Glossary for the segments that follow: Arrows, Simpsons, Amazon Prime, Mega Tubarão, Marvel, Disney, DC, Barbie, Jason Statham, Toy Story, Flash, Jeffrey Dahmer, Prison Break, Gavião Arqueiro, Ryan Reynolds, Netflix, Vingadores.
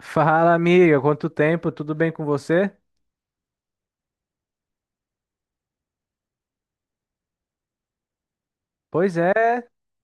Fala, amiga, quanto tempo? Tudo bem com você? Pois é,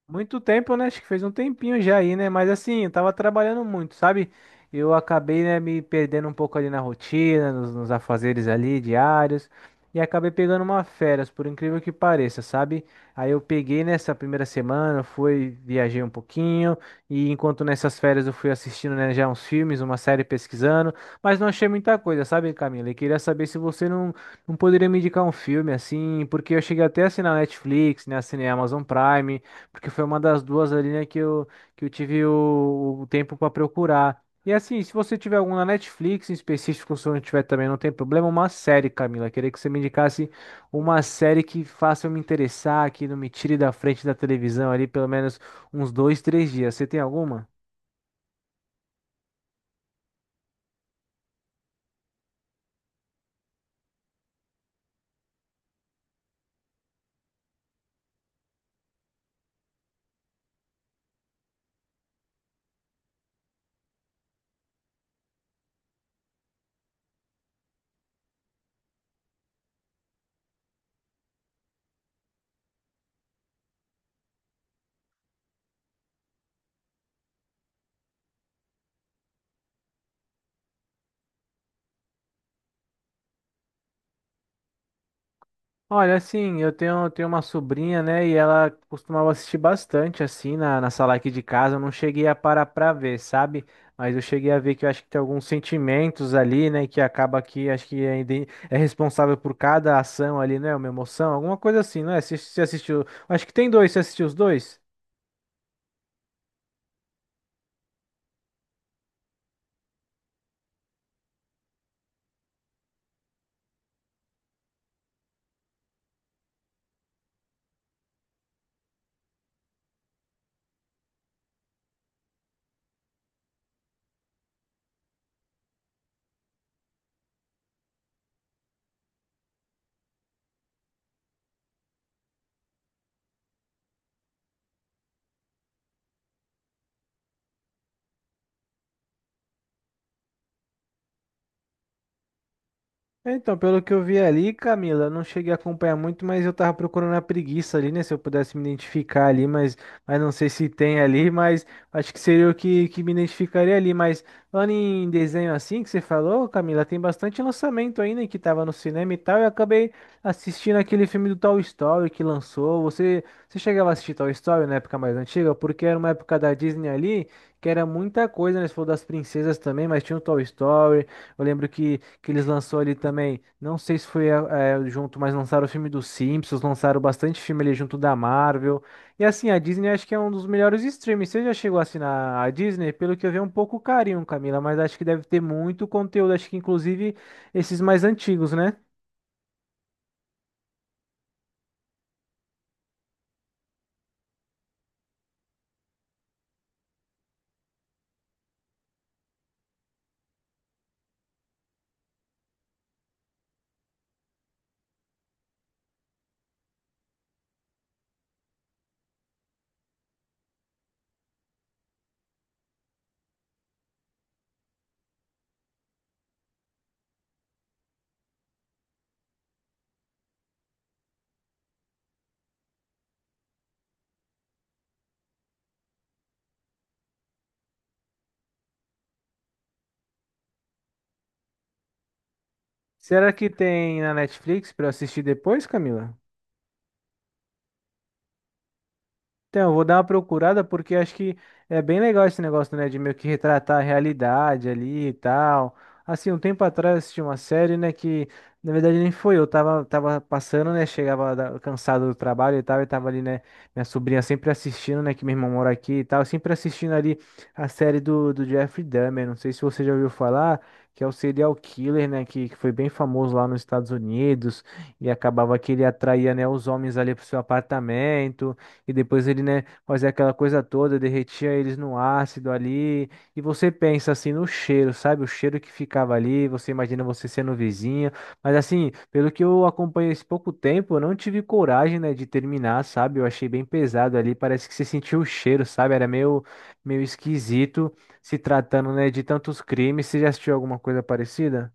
muito tempo, né? Acho que fez um tempinho já aí, né? Mas assim, eu tava trabalhando muito, sabe? Eu acabei, né, me perdendo um pouco ali na rotina, nos afazeres ali diários, e acabei pegando uma férias, por incrível que pareça, sabe? Aí eu peguei nessa primeira semana, fui, viajei um pouquinho, e enquanto nessas férias eu fui assistindo, né, já uns filmes, uma série pesquisando, mas não achei muita coisa, sabe, Camila? E queria saber se você não poderia me indicar um filme assim, porque eu cheguei até a assinar Netflix, né, assinei a Amazon Prime, porque foi uma das duas ali, né, que eu tive o tempo para procurar. E assim, se você tiver algum na Netflix em específico, se não tiver também, não tem problema, uma série, Camila. Queria que você me indicasse uma série que faça eu me interessar, que não me tire da frente da televisão ali pelo menos uns dois, três dias. Você tem alguma? Olha, assim, eu tenho uma sobrinha, né? E ela costumava assistir bastante, assim, na sala aqui de casa. Eu não cheguei a parar pra ver, sabe? Mas eu cheguei a ver que eu acho que tem alguns sentimentos ali, né? Que acaba que acho que é, é responsável por cada ação ali, né? Uma emoção, alguma coisa assim, não é? Você assistiu? Acho que tem dois, você assistiu os dois? Então, pelo que eu vi ali, Camila, eu não cheguei a acompanhar muito, mas eu tava procurando a preguiça ali, né? Se eu pudesse me identificar ali, mas não sei se tem ali, mas acho que seria o que, que me identificaria ali. Mas falando em desenho assim que você falou, Camila, tem bastante lançamento ainda que tava no cinema e tal. E eu acabei assistindo aquele filme do Toy Story que lançou. Você, você chegava a assistir Toy Story na época mais antiga? Porque era uma época da Disney ali que era muita coisa, né? Você falou das princesas também, mas tinha o Toy Story. Eu lembro que eles lançou ali também. Não sei se foi junto, mas lançaram o filme dos Simpsons, lançaram bastante filme ali junto da Marvel. E assim, a Disney acho que é um dos melhores streams. Você já chegou a assinar a Disney? Pelo que eu vi, é um pouco carinho, Camila, mas acho que deve ter muito conteúdo, acho que inclusive esses mais antigos, né? Será que tem na Netflix para eu assistir depois, Camila? Então, eu vou dar uma procurada porque acho que é bem legal esse negócio, né, de meio que retratar a realidade ali e tal. Assim, um tempo atrás eu assisti uma série, né, que na verdade nem foi eu, tava passando, né, chegava cansado do trabalho e tal, e tava ali, né, minha sobrinha sempre assistindo, né, que meu irmão mora aqui e tal, sempre assistindo ali a série do Jeffrey Dahmer, não sei se você já ouviu falar, que é o serial killer, né, que foi bem famoso lá nos Estados Unidos, e acabava que ele atraía, né, os homens ali pro seu apartamento, e depois ele, né, fazia aquela coisa toda, derretia eles no ácido ali. E você pensa assim no cheiro, sabe? O cheiro que ficava ali, você imagina você sendo vizinho. Mas assim, pelo que eu acompanhei esse pouco tempo, eu não tive coragem, né, de terminar, sabe? Eu achei bem pesado ali, parece que você sentiu o cheiro, sabe? Era meio, meio esquisito se tratando, né, de tantos crimes. Você já assistiu alguma coisa parecida?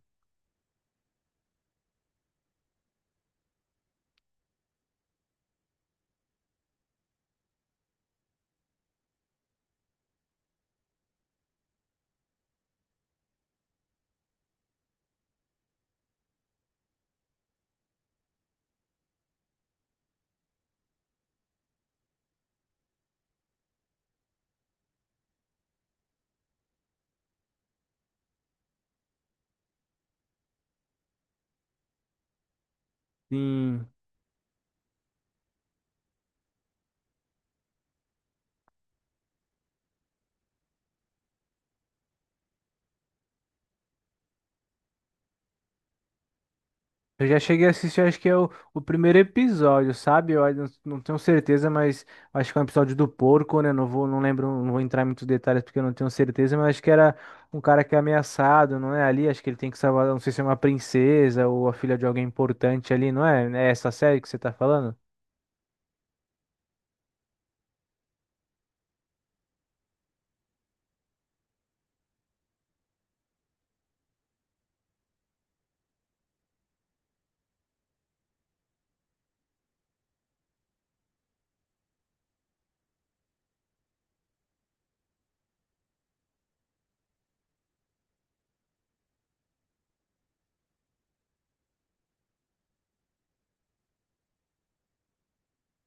Sim. Eu já cheguei a assistir, acho que é o primeiro episódio, sabe? Eu ainda não tenho certeza, mas acho que é um episódio do porco, né? Não vou, não lembro, não vou entrar em muitos detalhes porque eu não tenho certeza, mas acho que era um cara que é ameaçado, não é? Ali, acho que ele tem que salvar, não sei se é uma princesa ou a filha de alguém importante ali, não é? É essa série que você tá falando?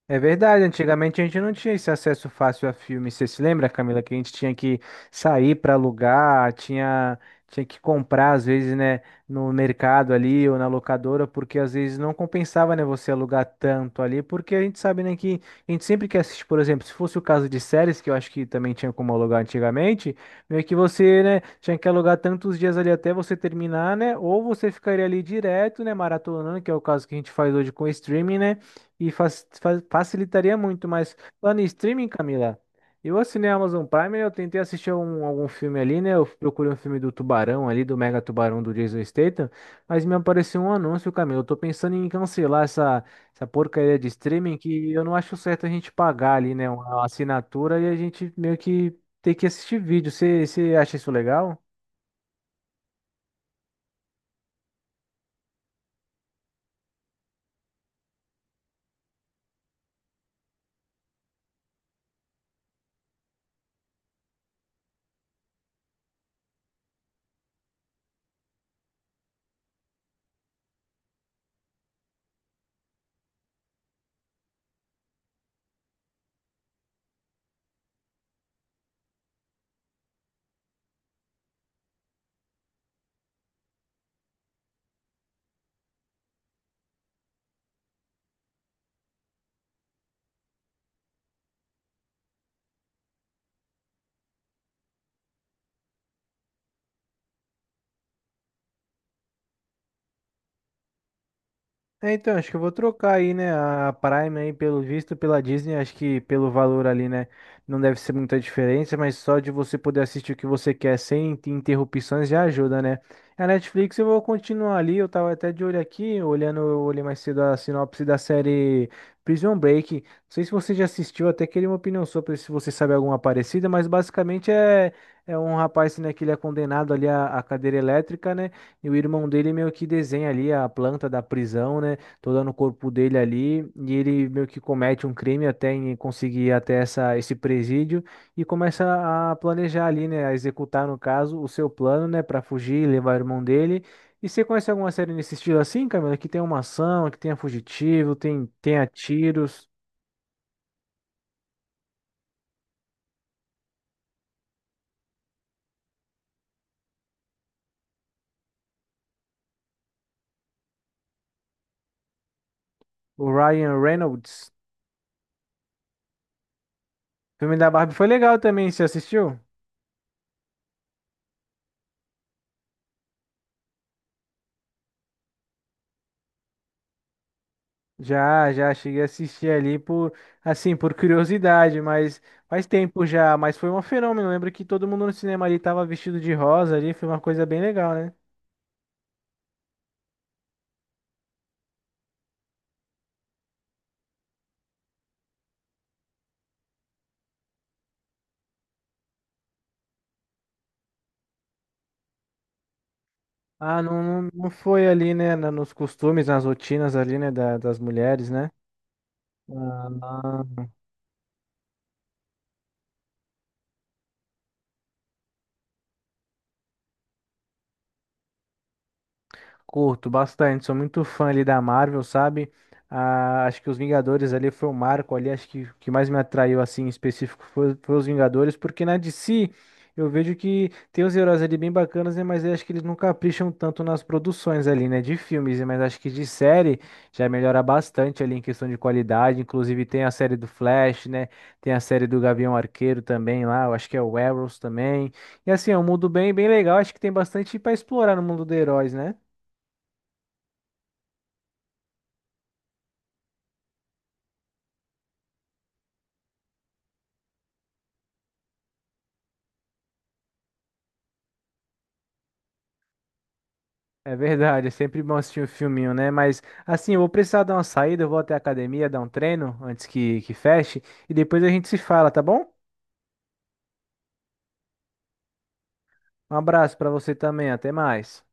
É verdade, antigamente a gente não tinha esse acesso fácil a filmes. Você se lembra, Camila, que a gente tinha que sair para alugar, tinha, tinha que comprar, às vezes, né, no mercado ali ou na locadora, porque às vezes não compensava, né, você alugar tanto ali, porque a gente sabe, né, que a gente sempre quer assistir, por exemplo, se fosse o caso de séries, que eu acho que também tinha como alugar antigamente, meio que você, né, tinha que alugar tantos dias ali até você terminar, né, ou você ficaria ali direto, né, maratonando, que é o caso que a gente faz hoje com o streaming, né, e facilitaria muito. Mas falando em streaming, Camila, eu assinei a Amazon Prime, eu tentei assistir algum filme ali, né? Eu procurei um filme do Tubarão ali, do Mega Tubarão do Jason Statham, mas me apareceu um anúncio, Camila. Eu tô pensando em cancelar essa, essa porcaria de streaming que eu não acho certo a gente pagar ali, né? Uma assinatura e a gente meio que ter que assistir vídeo. Você acha isso legal? É, então, acho que eu vou trocar aí, né, a Prime aí, pelo visto, pela Disney, acho que pelo valor ali, né, não deve ser muita diferença, mas só de você poder assistir o que você quer sem ter interrupções já ajuda, né? A Netflix eu vou continuar ali, eu tava até de olho aqui, olhando, eu olhei mais cedo a sinopse da série Prison Break, não sei se você já assistiu, até queria uma opinião sua, pra ver se você sabe alguma parecida, mas basicamente é, é um rapaz, né, que ele é condenado ali à à cadeira elétrica, né, e o irmão dele meio que desenha ali a planta da prisão, né? Toda no corpo dele ali. E ele meio que comete um crime até em conseguir ir até essa, esse presídio e começa a planejar ali, né? A executar, no caso, o seu plano, né? Para fugir e levar o irmão dele. E você conhece alguma série nesse estilo assim, Camila? Que tem uma ação, que tenha fugitivo, tem, tenha tiros. O Ryan Reynolds. O filme da Barbie foi legal também, você assistiu? Já, já cheguei a assistir ali por, assim, por curiosidade, mas faz tempo já, mas foi um fenômeno. Lembro que todo mundo no cinema ali tava vestido de rosa ali, foi uma coisa bem legal, né? Ah, não, não, não foi ali, né, nos costumes, nas rotinas ali, né, das mulheres, né? Ah, curto bastante, sou muito fã ali da Marvel, sabe? Ah, acho que os Vingadores ali foi o marco ali, acho que o que mais me atraiu assim em específico foi, foi os Vingadores, porque na DC eu vejo que tem os heróis ali bem bacanas, né? Mas eu acho que eles não capricham tanto nas produções ali, né? De filmes, né, mas acho que de série já melhora bastante ali em questão de qualidade. Inclusive tem a série do Flash, né? Tem a série do Gavião Arqueiro também lá, eu acho que é o Arrows também. E assim, é um mundo bem, bem legal, acho que tem bastante para explorar no mundo dos heróis, né? É verdade, é sempre bom assistir um filminho, né? Mas assim, eu vou precisar dar uma saída, eu vou até a academia dar um treino antes que feche e depois a gente se fala, tá bom? Um abraço pra você também, até mais.